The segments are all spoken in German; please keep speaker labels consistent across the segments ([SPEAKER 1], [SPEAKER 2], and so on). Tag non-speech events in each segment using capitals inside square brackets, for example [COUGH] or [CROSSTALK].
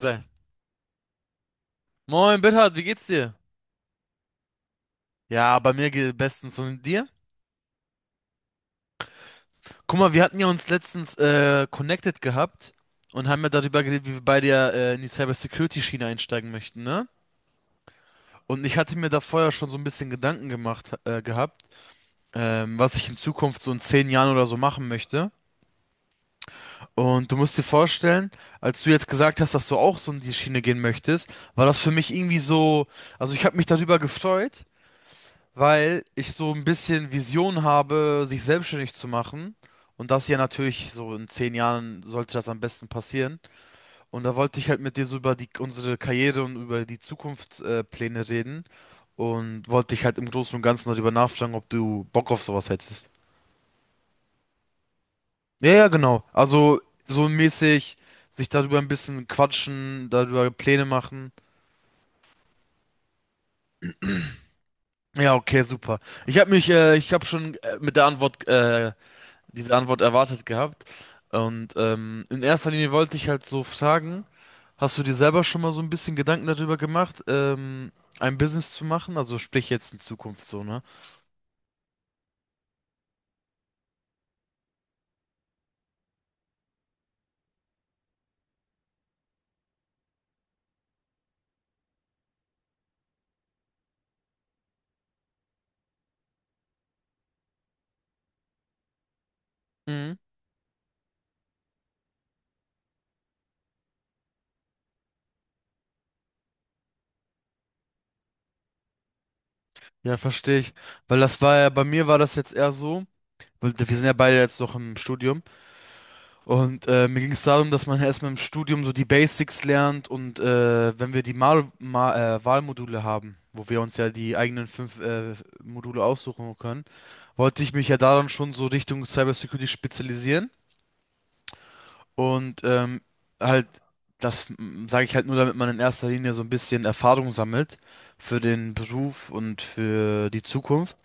[SPEAKER 1] Sein. Moin, Bithard, wie geht's dir? Ja, bei mir geht bestens und dir? Guck mal, wir hatten ja uns letztens connected gehabt und haben ja darüber geredet, wie wir beide ja in die Cybersecurity-Schiene einsteigen möchten, ne? Und ich hatte mir da vorher schon so ein bisschen Gedanken gemacht gehabt, was ich in Zukunft so in 10 Jahren oder so machen möchte. Und du musst dir vorstellen, als du jetzt gesagt hast, dass du auch so in die Schiene gehen möchtest, war das für mich irgendwie so, also ich habe mich darüber gefreut, weil ich so ein bisschen Vision habe, sich selbstständig zu machen. Und das hier natürlich, so in 10 Jahren sollte das am besten passieren. Und da wollte ich halt mit dir so über die, unsere Karriere und über die Zukunftspläne Pläne reden. Und wollte dich halt im Großen und Ganzen darüber nachfragen, ob du Bock auf sowas hättest. Ja, ja, genau. Also so mäßig sich darüber ein bisschen quatschen, darüber Pläne machen. Ja, okay, super. Ich habe schon mit der Antwort diese Antwort erwartet gehabt. Und in erster Linie wollte ich halt so fragen, hast du dir selber schon mal so ein bisschen Gedanken darüber gemacht, ein Business zu machen? Also sprich jetzt in Zukunft so, ne? Mhm. Ja, verstehe ich. Weil das war ja, bei mir war das jetzt eher so, weil wir sind ja beide jetzt noch im Studium und mir ging es darum, dass man ja erstmal im Studium so die Basics lernt und wenn wir die Mal Ma Wahlmodule haben, wo wir uns ja die eigenen fünf Module aussuchen können, wollte ich mich ja daran schon so Richtung Cybersecurity spezialisieren und halt das sage ich halt nur, damit man in erster Linie so ein bisschen Erfahrung sammelt für den Beruf und für die Zukunft.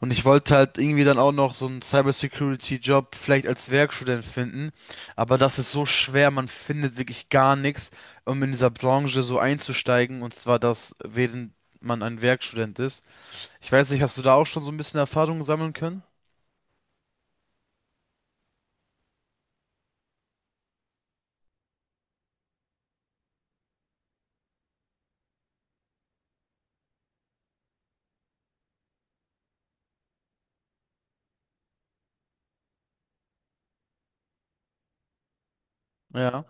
[SPEAKER 1] Und ich wollte halt irgendwie dann auch noch so einen Cybersecurity-Job vielleicht als Werkstudent finden, aber das ist so schwer, man findet wirklich gar nichts, um in dieser Branche so einzusteigen und zwar das, während man ein Werkstudent ist. Ich weiß nicht, hast du da auch schon so ein bisschen Erfahrung sammeln können? Ja.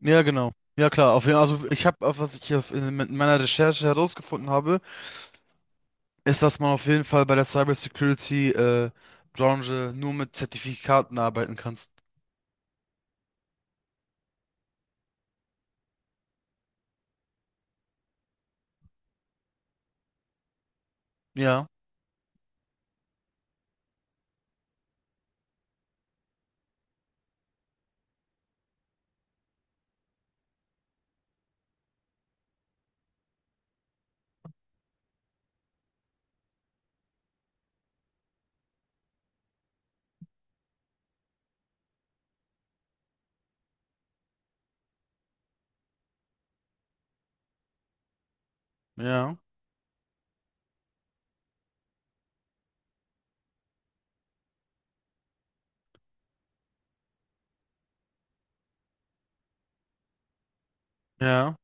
[SPEAKER 1] Ja, genau. Ja, klar. Auf jeden, also ich habe, was ich hier in mit meiner Recherche herausgefunden habe, ist, dass man auf jeden Fall bei der Cybersecurity Branche nur mit Zertifikaten arbeiten kannst. Ja, ja, ja,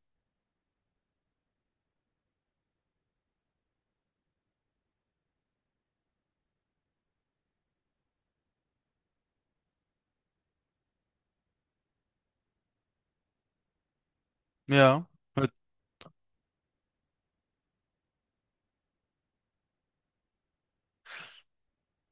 [SPEAKER 1] ja. Mit-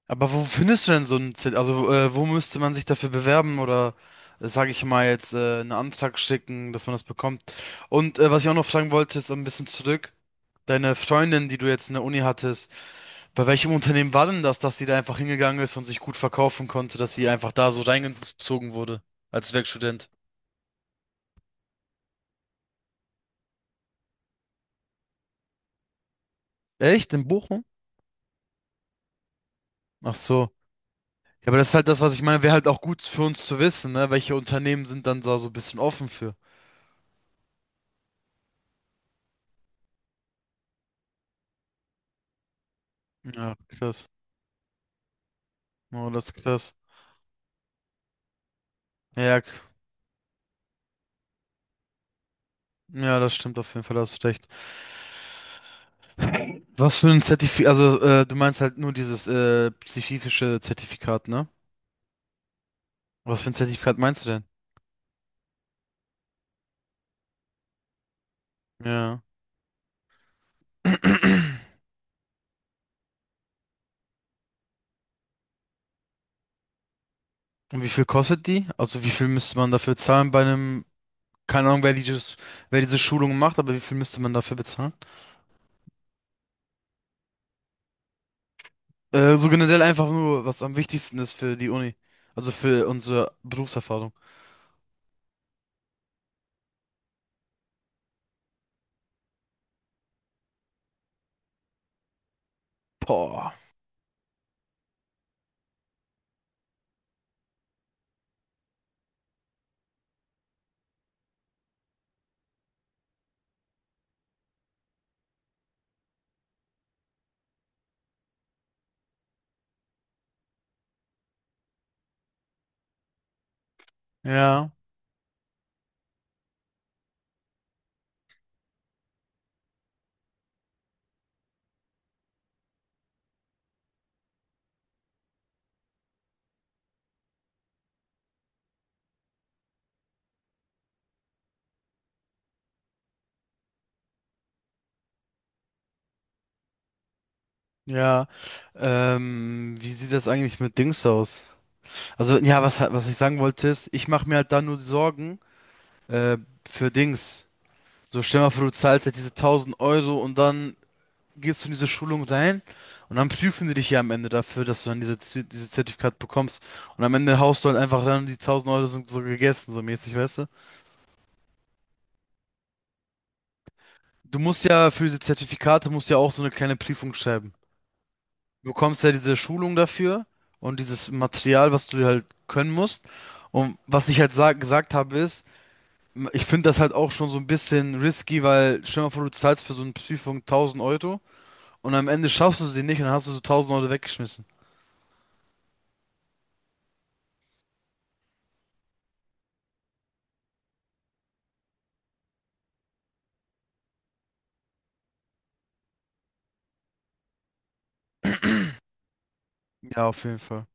[SPEAKER 1] Aber wo findest du denn so ein Zert Also wo müsste man sich dafür bewerben oder sage ich mal jetzt einen Antrag schicken, dass man das bekommt? Und was ich auch noch fragen wollte, ist so ein bisschen zurück. Deine Freundin, die du jetzt in der Uni hattest. Bei welchem Unternehmen war denn das, dass sie da einfach hingegangen ist und sich gut verkaufen konnte, dass sie einfach da so reingezogen wurde als Werkstudent? Echt? In Bochum? Ach so. Ja, aber das ist halt das, was ich meine, wäre halt auch gut für uns zu wissen, ne? Welche Unternehmen sind dann da so ein bisschen offen für? Ja, krass. Oh, das ist krass. Ja, ja, das stimmt auf jeden Fall, da hast du recht. Was für ein Zertifikat, also du meinst halt nur dieses spezifische Zertifikat, ne? Was für ein Zertifikat meinst du denn? Ja. [CLEARS THROAT] Und wie viel kostet die? Also wie viel müsste man dafür zahlen bei einem, keine Ahnung, wer diese Schulung macht, aber wie viel müsste man dafür bezahlen? So generell einfach nur, was am wichtigsten ist für die Uni. Also für unsere Berufserfahrung. Boah. Ja, ja. Wie sieht das eigentlich mit Dings aus? Also, ja, was ich sagen wollte ist, ich mache mir halt da nur Sorgen, äh, für Dings. So, stell mal vor, du zahlst jetzt diese 1000 € und dann gehst du in diese Schulung rein und dann prüfen die dich ja am Ende dafür, dass du dann dieses Zertifikat bekommst. Und am Ende haust du halt einfach dann die 1000 € sind so gegessen, so mäßig, weißt du? Du musst ja für diese Zertifikate musst ja auch so eine kleine Prüfung schreiben. Du bekommst ja diese Schulung dafür und dieses Material, was du halt können musst. Und was ich halt gesagt habe ist, ich finde das halt auch schon so ein bisschen risky, weil stell dir mal vor, du zahlst für so eine Prüfung 1000 € und am Ende schaffst du sie nicht und dann hast du so 1000 € weggeschmissen. Ja, auf jeden Fall.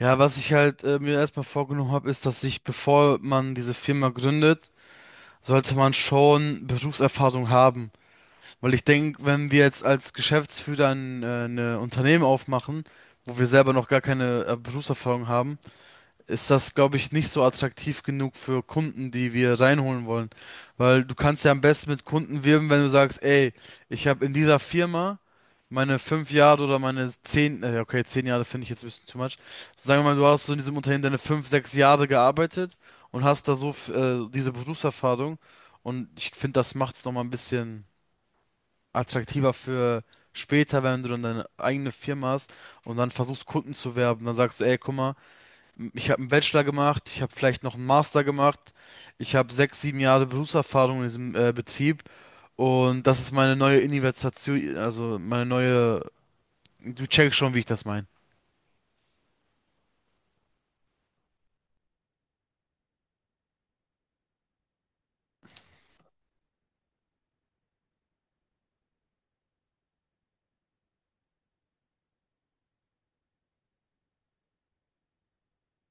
[SPEAKER 1] Ja, was ich halt mir erstmal vorgenommen habe, ist, dass ich, bevor man diese Firma gründet, sollte man schon Berufserfahrung haben. Weil ich denke, wenn wir jetzt als Geschäftsführer eine Unternehmen aufmachen, wo wir selber noch gar keine Berufserfahrung haben, ist das, glaube ich, nicht so attraktiv genug für Kunden, die wir reinholen wollen. Weil du kannst ja am besten mit Kunden wirben, wenn du sagst, ey, ich habe in dieser Firma meine 5 Jahre oder meine 10, okay, 10 Jahre finde ich jetzt ein bisschen too much. So, sagen wir mal, du hast so in diesem Unternehmen deine 5, 6 Jahre gearbeitet und hast da so diese Berufserfahrung. Und ich finde, das macht es nochmal ein bisschen attraktiver für später, wenn du dann deine eigene Firma hast und dann versuchst, Kunden zu werben. Dann sagst du, ey, guck mal, ich habe einen Bachelor gemacht, ich habe vielleicht noch einen Master gemacht, ich habe 6, 7 Jahre Berufserfahrung in diesem Betrieb und das ist meine neue Investition, also meine neue. Du checkst schon, wie ich das meine.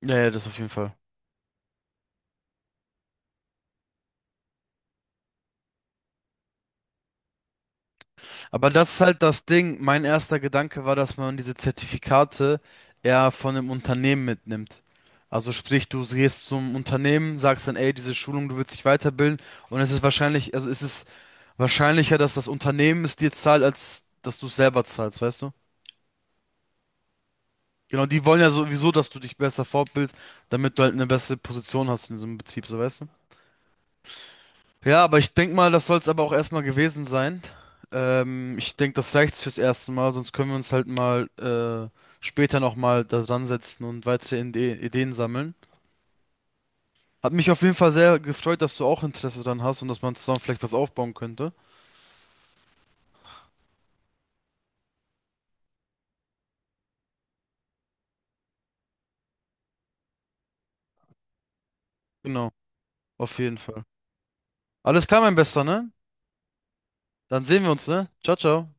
[SPEAKER 1] Ja, ja, das auf jeden Fall. Aber das ist halt das Ding. Mein erster Gedanke war, dass man diese Zertifikate eher von einem Unternehmen mitnimmt. Also sprich, du gehst zum Unternehmen, sagst dann, ey, diese Schulung, du willst dich weiterbilden und es ist wahrscheinlich, also es ist wahrscheinlicher, dass das Unternehmen es dir zahlt, als dass du es selber zahlst, weißt du? Genau, die wollen ja sowieso, dass du dich besser fortbildest, damit du halt eine bessere Position hast in diesem Betrieb, so weißt du? Ja, aber ich denke mal, das soll es aber auch erstmal gewesen sein. Ich denke, das reicht fürs erste Mal, sonst können wir uns halt mal später nochmal da dran setzen und weitere Ideen sammeln. Hat mich auf jeden Fall sehr gefreut, dass du auch Interesse dran hast und dass man zusammen vielleicht was aufbauen könnte. Genau, auf jeden Fall. Alles klar, mein Bester, ne? Dann sehen wir uns, ne? Ciao, ciao.